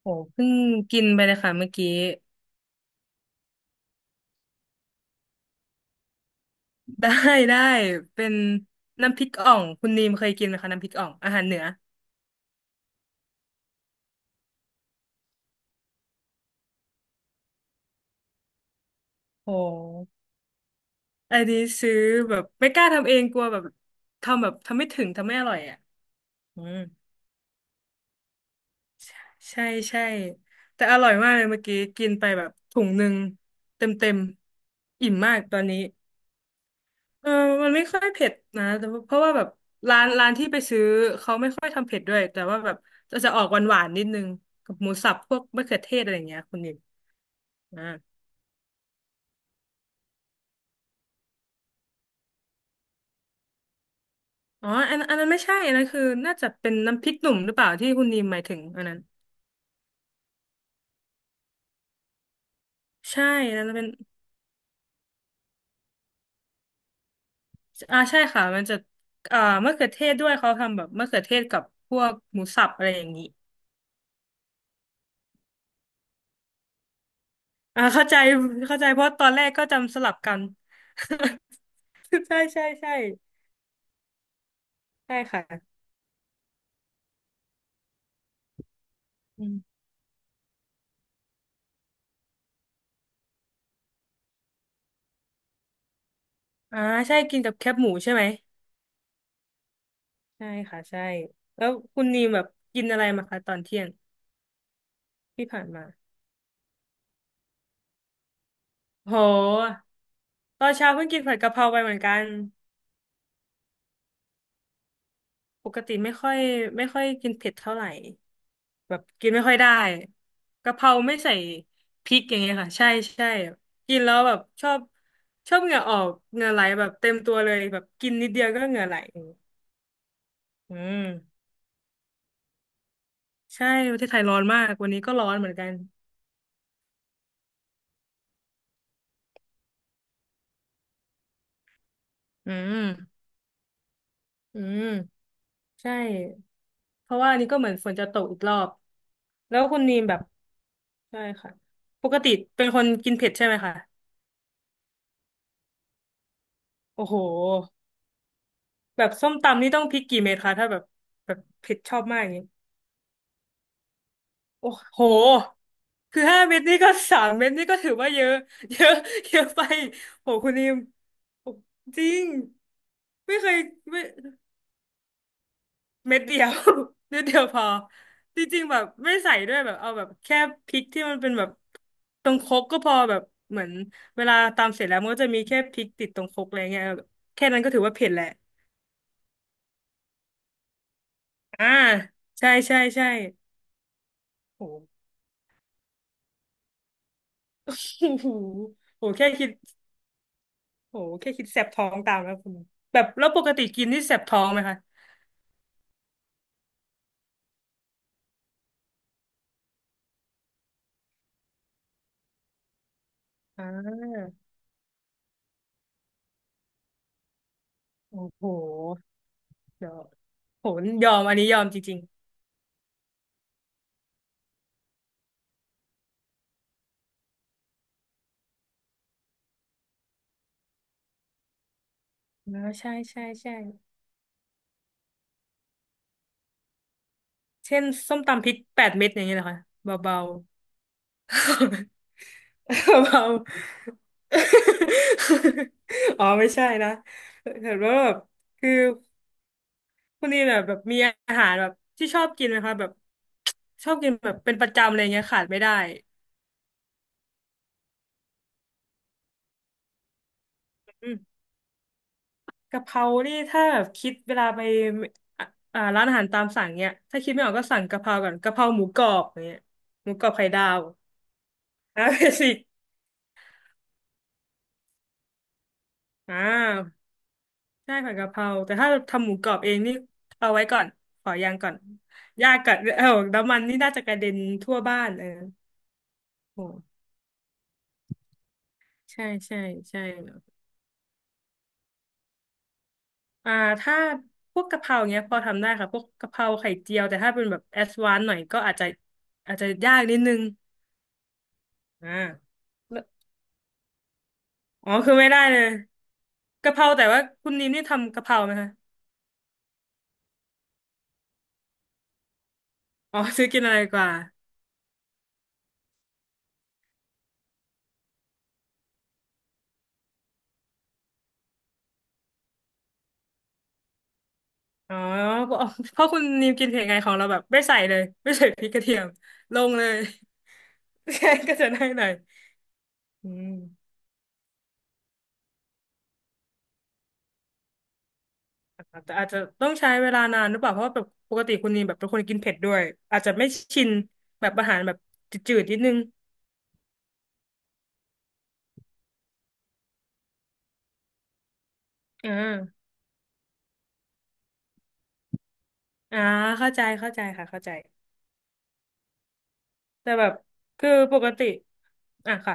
โหเพิ่งกินไปเลยค่ะเมื่อกี้ ได้ได้เป็นน้ำพริกอ่องคุณนีมเคยกินไหมคะน้ำพริกอ่องอาหารเหนือโหอันนี้ซื้อแบบไม่กล้าทำเองกลัวแบบทำแบบทำไม่ถึงทำไม่อร่อยอ่ะอืมใช่ใช่แต่อร่อยมากเลยเมื่อกี้กินไปแบบถุงหนึ่งเต็มเต็มอิ่มมากตอนนี้ เออมันไม่ค่อยเผ็ดนะแต่ว่าเพราะว่าแบบร้านที่ไปซื้อเขาไม่ค่อยทำเผ็ดด้วยแต่ว่าแบบจะออกหวานหวานนิดนึงกับหมูสับพวกมะเขือเทศอะไรอย่างเงี้ยคุณนิมอ่าอ๋ออันนั้นไม่ใช่อันนั้นคือน่าจะเป็นน้ำพริกหนุ่มหรือเปล่าที่คุณนิมหมายถึงอันนั้นใช่อันนั้นเป็นอ่าใช่ค่ะมันจะอ่ามะเขือเทศด้วยเขาทำแบบมะเขือเทศกับพวกหมูสับอะไรอย่างนี้อ่าเข้าใจเข้าใจเพราะตอนแรกก็จำสลับกัน ใช่ใช่ใช่ใช่ค่ะ อ่าใช่กินกับแคบหมูใช่ไหมใช่ค่ะใช่แล้วคุณนีมแบบกินอะไรมาคะตอนเที่ยงที่ผ่านมาโหตอนเช้าเพิ่งกินผัดกะเพราไปเหมือนกันปกติไม่ค่อยกินเผ็ดเท่าไหร่แบบกินไม่ค่อยได้กะเพราไม่ใส่พริกอย่างเงี้ยค่ะใช่ใช่กินแล้วแบบชอบเหงื่อออกเหงื่อไหลแบบเต็มตัวเลยแบบกินนิดเดียวก็เหงื่อไหลอืมใช่ประเทศไทยร้อนมากวันนี้ก็ร้อนเหมือนกันอืมอืม ใช่ เพราะว่าอันนี้ก็เหมือนฝนจะตกอีกรอบ แล้วคุณนีมแบบใช่ค่ะ ปกติเป็นคนกินเผ็ดใช่ไหมคะ โอ้โห แบบส้มตำนี่ต้องพริกกี่เม็ดคะถ้าแบบแบบเผ็ดชอบมากอย่างนี้ โอ้โห คือห้าเม็ดนี่ก็ สามเม็ดนี่ก็ถือว่าเยอะ เยอะเยอะไปโหคุณนีมโอ้จริง ไม่เคยไม่ เม็ดเดียว เม็ดเดียวพอจริงๆแบบไม่ใส่ด้วยแบบเอาแบบแค่พริกที่มันเป็นแบบตรงครกก็พอแบบเหมือนเวลาตำเสร็จแล้วมันก็จะมีแค่พริกติดตรงครกอะไรเงี้ยแบบแค่นั้นก็ถือว่าเผ็ดแหละอ่าใช่ใช่ใช่โหโอ้ โหโหแค่คิดโหแค่คิดแสบท้องตามแล้วคุณแบบแล้วปกติกินนี่แสบท้องไหมคะอ่าโอ้โหเดี๋ยวโหยอมอันนี้ยอมจริงๆอ่าใช่ใช่ใช่ เช่นส้มตำพริกแปดเม็ดอย่างเงี้ยเหรอคะเบาๆ เบาๆ อ๋อไม่ใช่นะเห็นว่าแบบคือคุณนี่แบบแบบมีอาหารแบบที่ชอบกินไหมคะแบบชอบกินแบบเป็นประจำอะไรเงี้ยขาดไม่ได้อืมกะเพรานี่ถ้าแบบคิดเวลาไปอ่ะอ่าร้านอาหารตามสั่งเนี้ยถ้าคิดไม่ออกก็สั่งกะเพราก่อนกะเพราหมูกรอบอย่างเงี้ยหมูกรอบไข่ดาวอ่า เบสิกอ่า ใช่ผัดกะเพราแต่ถ้าทำหมูกรอบเองนี่เอาไว้ก่อนขอยางก่อนยากก่อนเออน้ำมันนี่น่าจะกระเด็นทั่วบ้านเออโอ้ใช่ใช่ใช่อ่าถ้าพวกกะเพราเงี้ยพอทำได้ค่ะพวกกะเพราไข่เจียวแต่ถ้าเป็นแบบแอดวานซ์หน่อยก็อาจจะอาจจะยากนิดนึงอ่าแล้วอ๋อคือไม่ได้เลยกะเพราแต่ว่าคุณนิมนี่ทำกะเพราไหมคะอ๋อซื้อกินอะไรกว่าอ๋อเพราะเพราะคุณนิมกินเผ็ดไงของเราแบบไม่ใส่เลยไม่ใส่พริกกระเทียมลงเลย ใช่ ก็จะได้หน่อยอืมแต่อาจจะต้องใช้เวลานานหรือเปล่าเพราะว่าแบบปกติคุณนีแบบเป็นคนกินเผ็ดด้วยอาจจะไม่ชินแบบอาหารแบบจืดๆนิดนึงอ่าอ่าเข้าใจเข้าใจค่ะเข้าใจแต่แบบคือปกติอ่ะค่ะ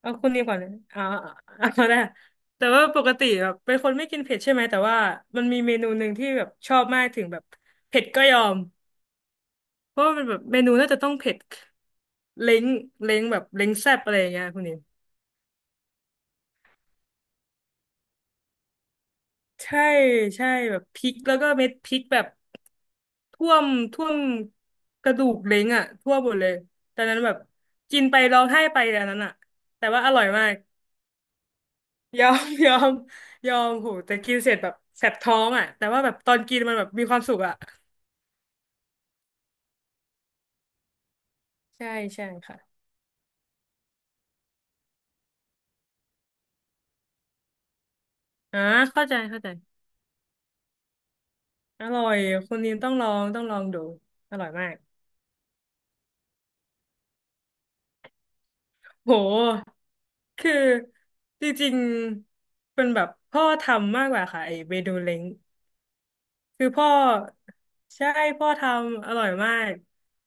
เอาคุณนีก่อนเลยอ่าเอาได้แต่ว่าปกติแบบเป็นคนไม่กินเผ็ดใช่ไหมแต่ว่ามันมีเมนูหนึ่งที่แบบชอบมากถึงแบบเผ็ดก็ยอมเพราะว่ามันแบบเมนูน่าจะต้องเผ็ดเล้งเล้งแบบเล้งแซ่บอะไรอย่างเงี้ยคุณนี ใช่ใช่แบบพริกแล้วก็เม็ดพริกแบบท่วมท่วมกระดูกเล้งอ่ะทั่วหมดเลยตอนนั้นแบบกินไปร้องไห้ไปอันนั้นอ่ะแต่ว่าอร่อยมากยอม ยอมยอมโหแต่กินเสร็จแบบแสบท้องอ่ะแต่ว่าแบบตอนกินมันแบบมีความสุขอ่ะใช่ใช่ค่ะอ่าเข้าใจเข้าใจอร่อยคนนี้ต้องลองต้องลองดูอร่อยมากโหคือจริงๆเป็นแบบพ่อทำมากกว่าค่ะไอเมนูเล้ง คือพ่อใช่พ่อทำอร่อยมาก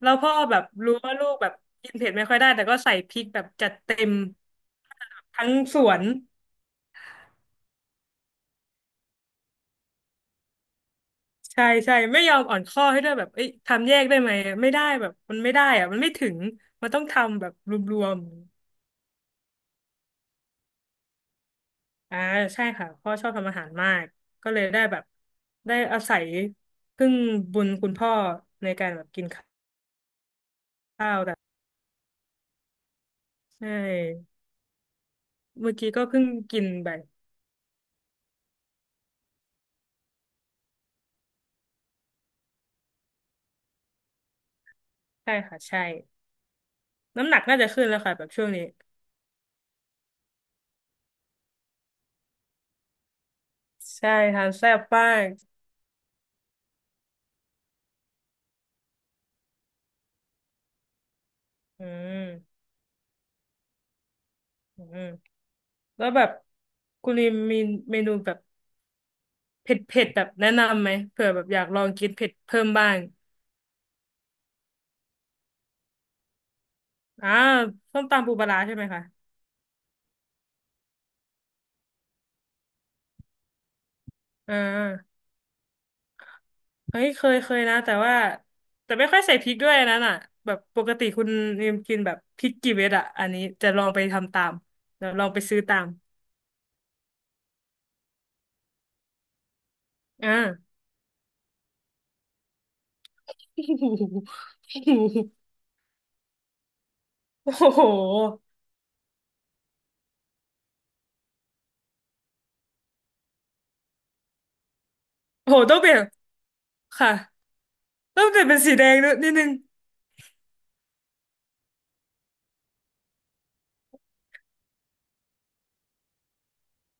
แล้วพ่อแบบรู้ว่าลูกแบบกินเผ็ดไม่ค่อยได้แต่ก็ใส่พริกแบบจัดเต็มทั้งสวนใช่ใช่ไม่ยอมอ่อนข้อให้ด้วยแบบเอ้ยทำแยกได้ไหมไม่ได้แบบมันไม่ได้อะมันไม่ถึงมันต้องทำแบบรวมๆอ่าใช่ค่ะพ่อชอบทำอาหารมากก็เลยได้แบบได้อาศัยพึ่งบุญคุณพ่อในการแบบกินข้าวแต่ใช่เมื่อกี้ก็เพิ่งกินไปใช่ค่ะใช่ น้ำหนักน่าจะขึ้นแล้วค่ะแบบช่วงนี้ใช่ทานแซ่บมากอืมอืมแล้วแบบคุณลิมมีเมนูแบบเผ็ดเผ็ดแบบแนะนำไหมเผื่อแบบอยากลองกินเผ็ดเพิ่มบ้างอ่าส้มตำปูปลาร้าใช่ไหมคะอ่าเฮ้ยเคยเคยนะแต่ว่าแต่ไม่ค่อยใส่พริกด้วยอันนั้นอ่ะแบบปกติคุณลิมกินแบบพริกกี่เม็ดอ่ะอันนี้จะลองไปทำตามเดี๋ยวลองไปซื้อตามอ่า โอ้โหโอ้โหต้องเปลี่ยนค่ะ แล้วแต่เป็นสีแดงด้วยนิดนึง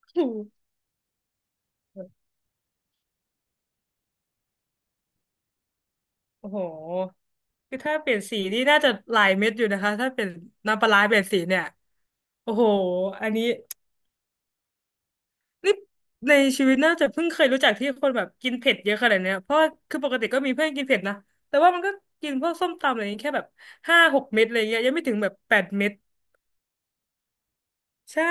โอ้โหโอ้โหคือถ้าเปลี่ยนสีนี่น่าจะหลายเม็ดอยู่นะคะถ้าเป็นน้ำปลาร้าเปลี่ยนสีเนี่ยโอ้โหอันนี้นี่ในชีวิตน่าจะเพิ่งเคยรู้จักที่คนแบบกินเผ็ดเยอะขนาดเนี้ยเพราะว่าคือปกติก็มีเพื่อนกินเผ็ดนะแต่ว่ามันก็กินพวกส้มตำอะไรอย่างเงี้ยแค่แบบห้าหกเม็ดอะไรเงี้ยยังไม่ถึงแบบแปดเม็ดใช่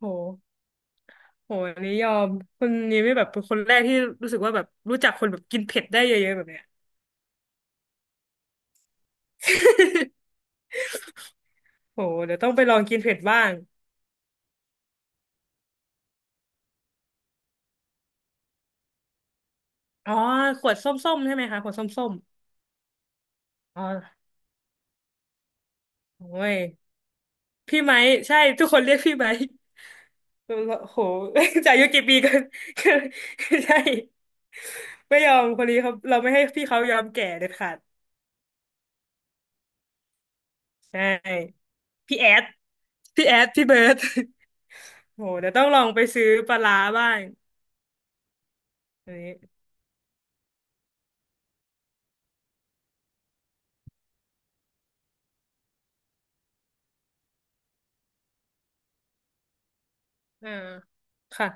โหโหอันนี้ยอมคนนี้ไม่แบบเป็นคนแรกที่รู้สึกว่าแบบรู้จักคนแบบกินเผ็ดได้เยอะๆแบบเนี้ย โหเดี๋ยวต้องไปลองกินเผ็ดบ้างอ๋อขวดส้มๆใช่ไหมคะขวดส้มๆอ๋อโอ้ย พี่ไม้ใช่ทุกคนเรียกพี่ไม้โห จะอายุกี่ปีกัน ใช่ ไม่ยอมคนนี้เขาเราไม่ให้พี่เขายอมแก่เด็ดขาดใช่ พี่แอดพี่แอดพี่เบิร์ด โหเดี๋ยวต้องลองไปซื้อปลาร้าบ้างอันนี้อ่าค่ะ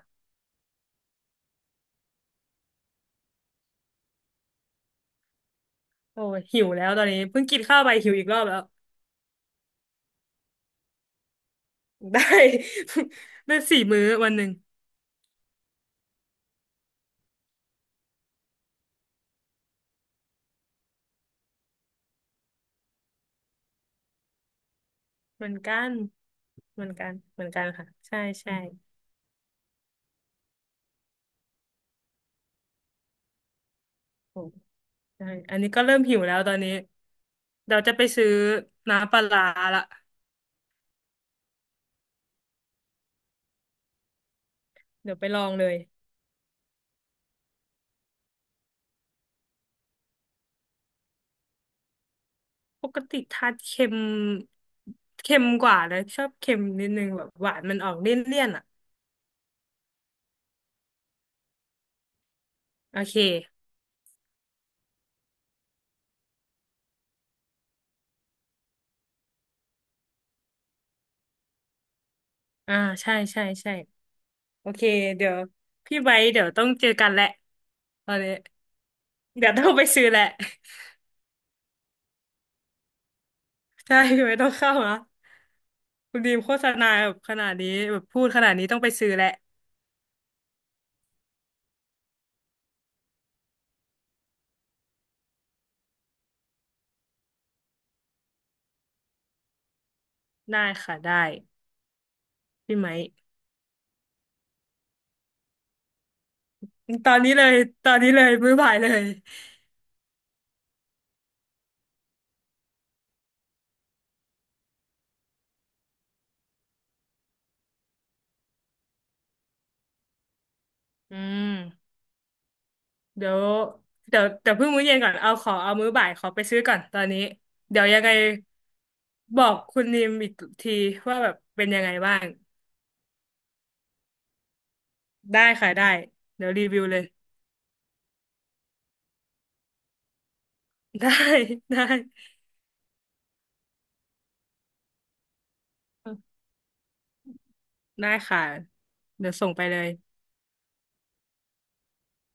โอ้ยหิวแล้วตอนนี้เพิ่งกินข้าวไปหิวอีกรอบแล้ว ได้ ได้สี่มื้อวันหนึ่ง เหมือนกันเหมือนกันเหมือนกันค่ะ ใช่ใช่โอ้ใช่อันนี้ก็เริ่มหิวแล้วตอนนี้เดี๋ยวจะไปซื้อน้ำปลาร้าละ เดี๋ยวไปลองเลยปกติทานเค็มเค็มกว่าเลยชอบเค็มนิดนึงแบบหวานมันออกเลี่ยนๆอ่ะโอเคอ่าใช่ใช่ใช่โอเคเดี๋ยวพี่ไว้เดี๋ยวต้องเจอกันแหละตอนนี้เดี๋ยวต้องไปซื้อแหละ ใช่พี่ไว้ต้องเข้านะ คุณดีมโฆษณาแบบขนาดนี้แบบพูดขนาดนี้ต้องไปซื้อแหละได้ค่ะได้พี่ไหมค์ตอนนี้เลยตอนนี้เลยมื้อบ่ายเลยอืมเดี๋ยวเดี๋ยวเดี๋ยวเพิ่งมื้อเย็นก่อนเอาขอเอามื้อบ่ายขอไปซื้อก่อนตอนนี้เดี๋ยวยังไงบอกคุณดีมอีกทีว่าแบบเป็นยังไงบ้างได้ค่ะได้เดี๋ยวรีวิวเลย ได้ได้ได้ค่ะเดี๋ยวส่งไปเลย